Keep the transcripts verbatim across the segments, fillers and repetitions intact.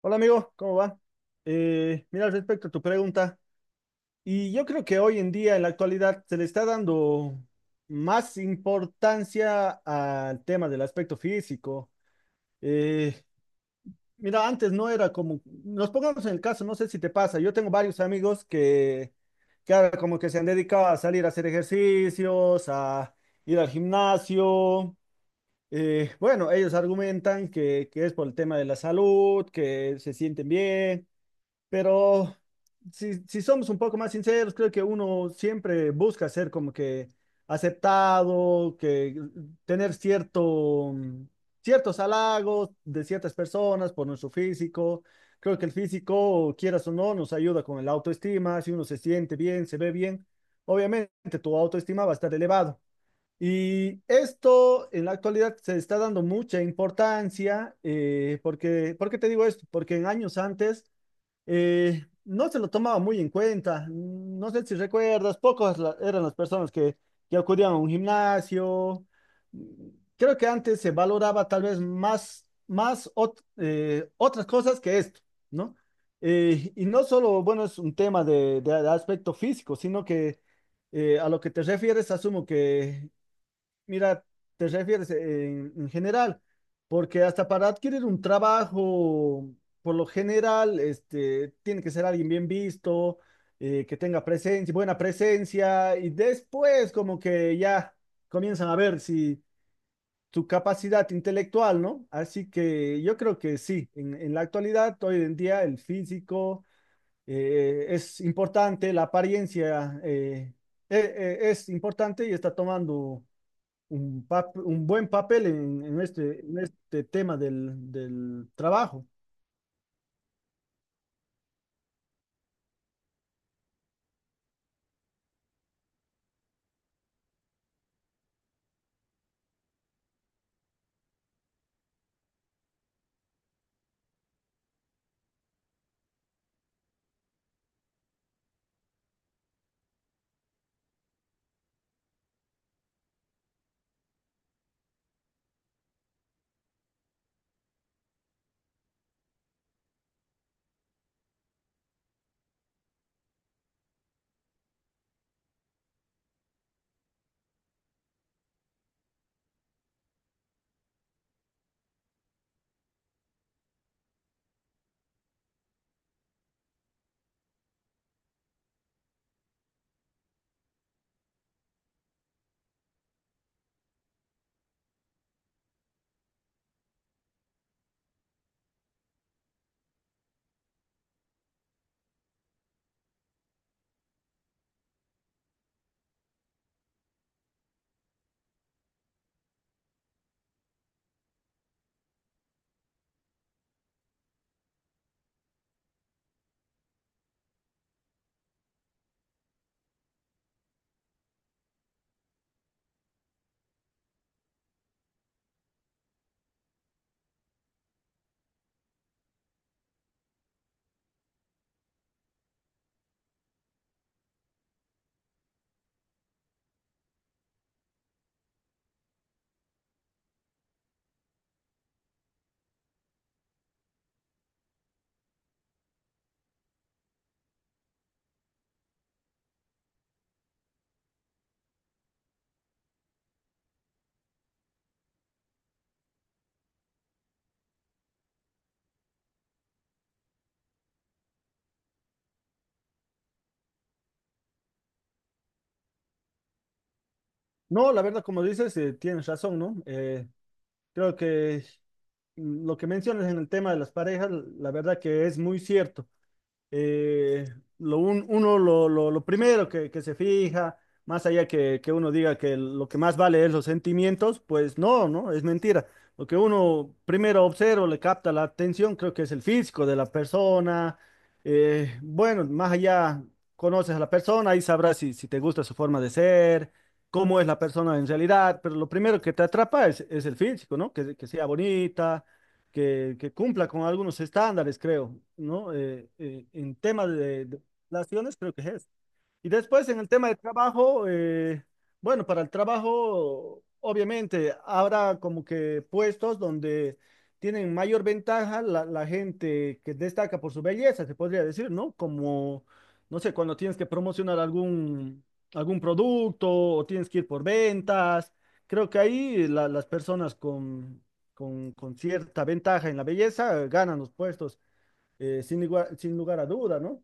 Hola amigo, ¿cómo va? Eh, mira, respecto a tu pregunta, y yo creo que hoy en día, en la actualidad, se le está dando más importancia al tema del aspecto físico. Eh, mira, antes no era como, nos pongamos en el caso, no sé si te pasa, yo tengo varios amigos que, que ahora como que se han dedicado a salir a hacer ejercicios, a ir al gimnasio. Eh, bueno, ellos argumentan que, que es por el tema de la salud, que se sienten bien. Pero si, si somos un poco más sinceros, creo que uno siempre busca ser como que aceptado, que tener cierto, mm, ciertos halagos de ciertas personas por nuestro físico. Creo que el físico, quieras o no, nos ayuda con el autoestima. Si uno se siente bien, se ve bien, obviamente tu autoestima va a estar elevado. Y esto en la actualidad se está dando mucha importancia, eh, porque, ¿por qué te digo esto? Porque en años antes eh, no se lo tomaba muy en cuenta. No sé si recuerdas, pocas la- eran las personas que, que acudían a un gimnasio. Mm, Creo que antes se valoraba tal vez más, más ot- eh, otras cosas que esto, ¿no? Eh, y no solo, bueno, es un tema de, de aspecto físico, sino que eh, a lo que te refieres, asumo que mira, te refieres eh, en, en general, porque hasta para adquirir un trabajo, por lo general, este, tiene que ser alguien bien visto, eh, que tenga presencia, buena presencia, y después como que ya comienzan a ver si tu capacidad intelectual, ¿no? Así que yo creo que sí, en, en la actualidad, hoy en día, el físico eh, es importante, la apariencia eh, e- e- es importante y está tomando un, pap- un buen papel en, en este, en este tema del, del trabajo. No, la verdad, como dices, eh, tienes razón, ¿no? Eh, creo que lo que mencionas en el tema de las parejas, la verdad que es muy cierto. eh, lo un- uno lo, lo- lo primero que, que se fija, más allá que, que uno diga que lo que más vale es los sentimientos, pues no, no, es mentira. Lo que uno primero observa, le capta la atención, creo que es el físico de la persona. Eh, bueno, más allá conoces a la persona y sabrás si, si te gusta su forma de ser, cómo es la persona en realidad, pero lo primero que te atrapa es, es el físico, ¿no? Que, que sea bonita que, que cumpla con algunos estándares, creo, ¿no? Eh, eh, en tema de, de relaciones, creo que es eso. Y después en el tema de trabajo, eh, bueno, para el trabajo, obviamente, habrá como que puestos donde tienen mayor ventaja la, la gente que destaca por su belleza, se podría decir, ¿no? Como, no sé, cuando tienes que promocionar algún, algún producto o tienes que ir por ventas. Creo que ahí la- las personas con, con, con cierta ventaja en la belleza eh, ganan los puestos, eh, sin, igua- sin lugar a duda, ¿no?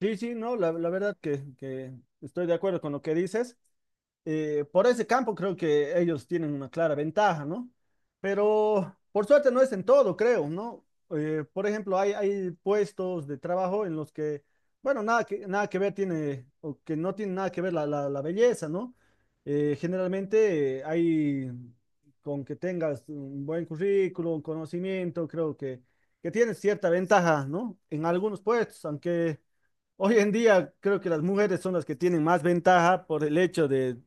Sí, sí, no, la, la verdad que, que estoy de acuerdo con lo que dices. Eh, por ese campo creo que ellos tienen una clara ventaja, ¿no? Pero por suerte no es en todo, creo, ¿no? Eh, por ejemplo, hay, hay puestos de trabajo en los que, bueno, nada que, nada que ver tiene, o que no tiene nada que ver la, la, la belleza, ¿no? Eh, generalmente eh, hay, con que tengas un buen currículum, conocimiento, creo que, que tienes cierta ventaja, ¿no? En algunos puestos, aunque... Hoy en día creo que las mujeres son las que tienen más ventaja por el hecho de,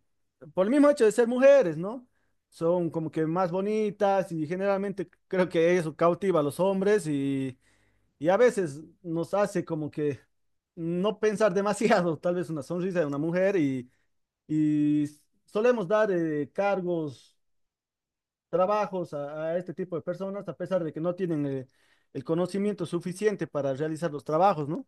por el mismo hecho de ser mujeres, ¿no? Son como que más bonitas y generalmente creo que eso cautiva a los hombres y, y a veces nos hace como que no pensar demasiado, tal vez una sonrisa de una mujer y, y solemos dar eh, cargos, trabajos a, a este tipo de personas a pesar de que no tienen eh, el conocimiento suficiente para realizar los trabajos, ¿no?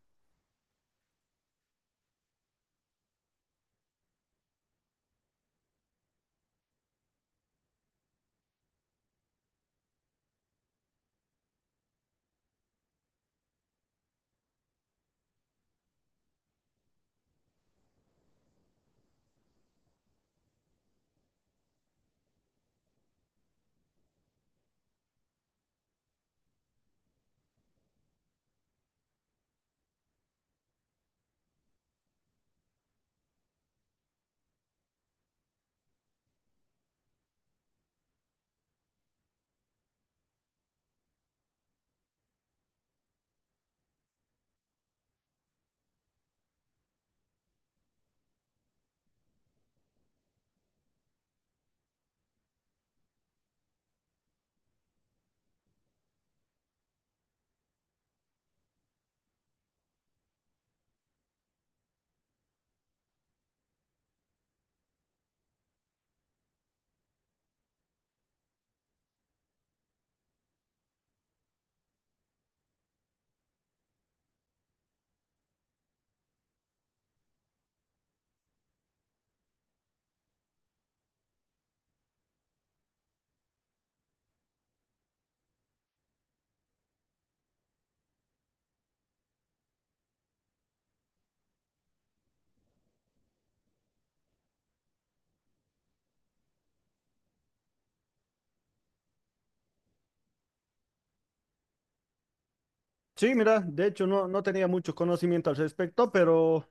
Sí, mira, de hecho no, no tenía mucho conocimiento al respecto, pero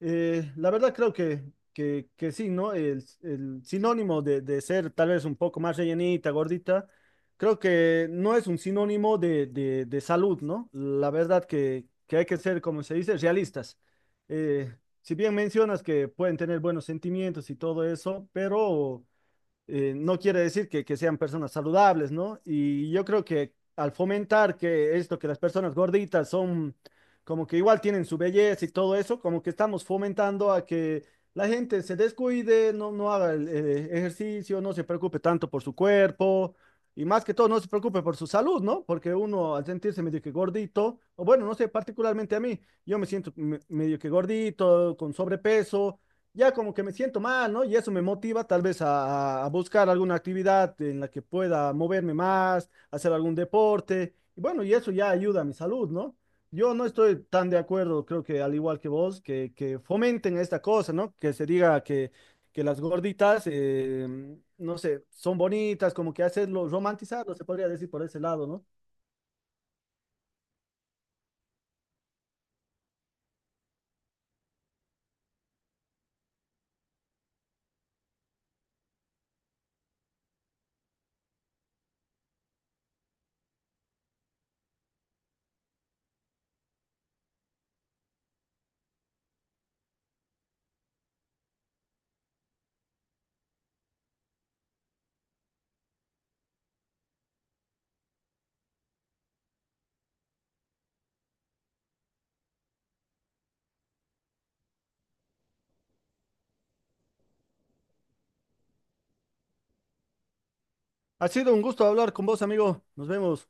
eh, la verdad creo que, que, que sí, ¿no? El, el sinónimo de, de ser tal vez un poco más rellenita, gordita, creo que no es un sinónimo de, de, de salud, ¿no? La verdad que, que hay que ser, como se dice, realistas. Eh, si bien mencionas que pueden tener buenos sentimientos y todo eso, pero eh, no quiere decir que, que sean personas saludables, ¿no? Y yo creo que al fomentar que esto, que las personas gorditas son como que igual tienen su belleza y todo eso, como que estamos fomentando a que la gente se descuide, no, no haga el, eh, ejercicio, no se preocupe tanto por su cuerpo. Y más que todo, no se preocupe por su salud, ¿no? Porque uno al sentirse medio que gordito, o bueno, no sé, particularmente a mí, yo me siento me- medio que gordito, con sobrepeso, ya como que me siento mal, ¿no? Y eso me motiva tal vez a, a buscar alguna actividad en la que pueda moverme más, hacer algún deporte. Y bueno, y eso ya ayuda a mi salud, ¿no? Yo no estoy tan de acuerdo, creo que al igual que vos, que, que fomenten esta cosa, ¿no? Que se diga que, que las gorditas, eh, no sé, son bonitas, como que hacerlo, romantizarlo, se podría decir por ese lado, ¿no? Ha sido un gusto hablar con vos, amigo. Nos vemos.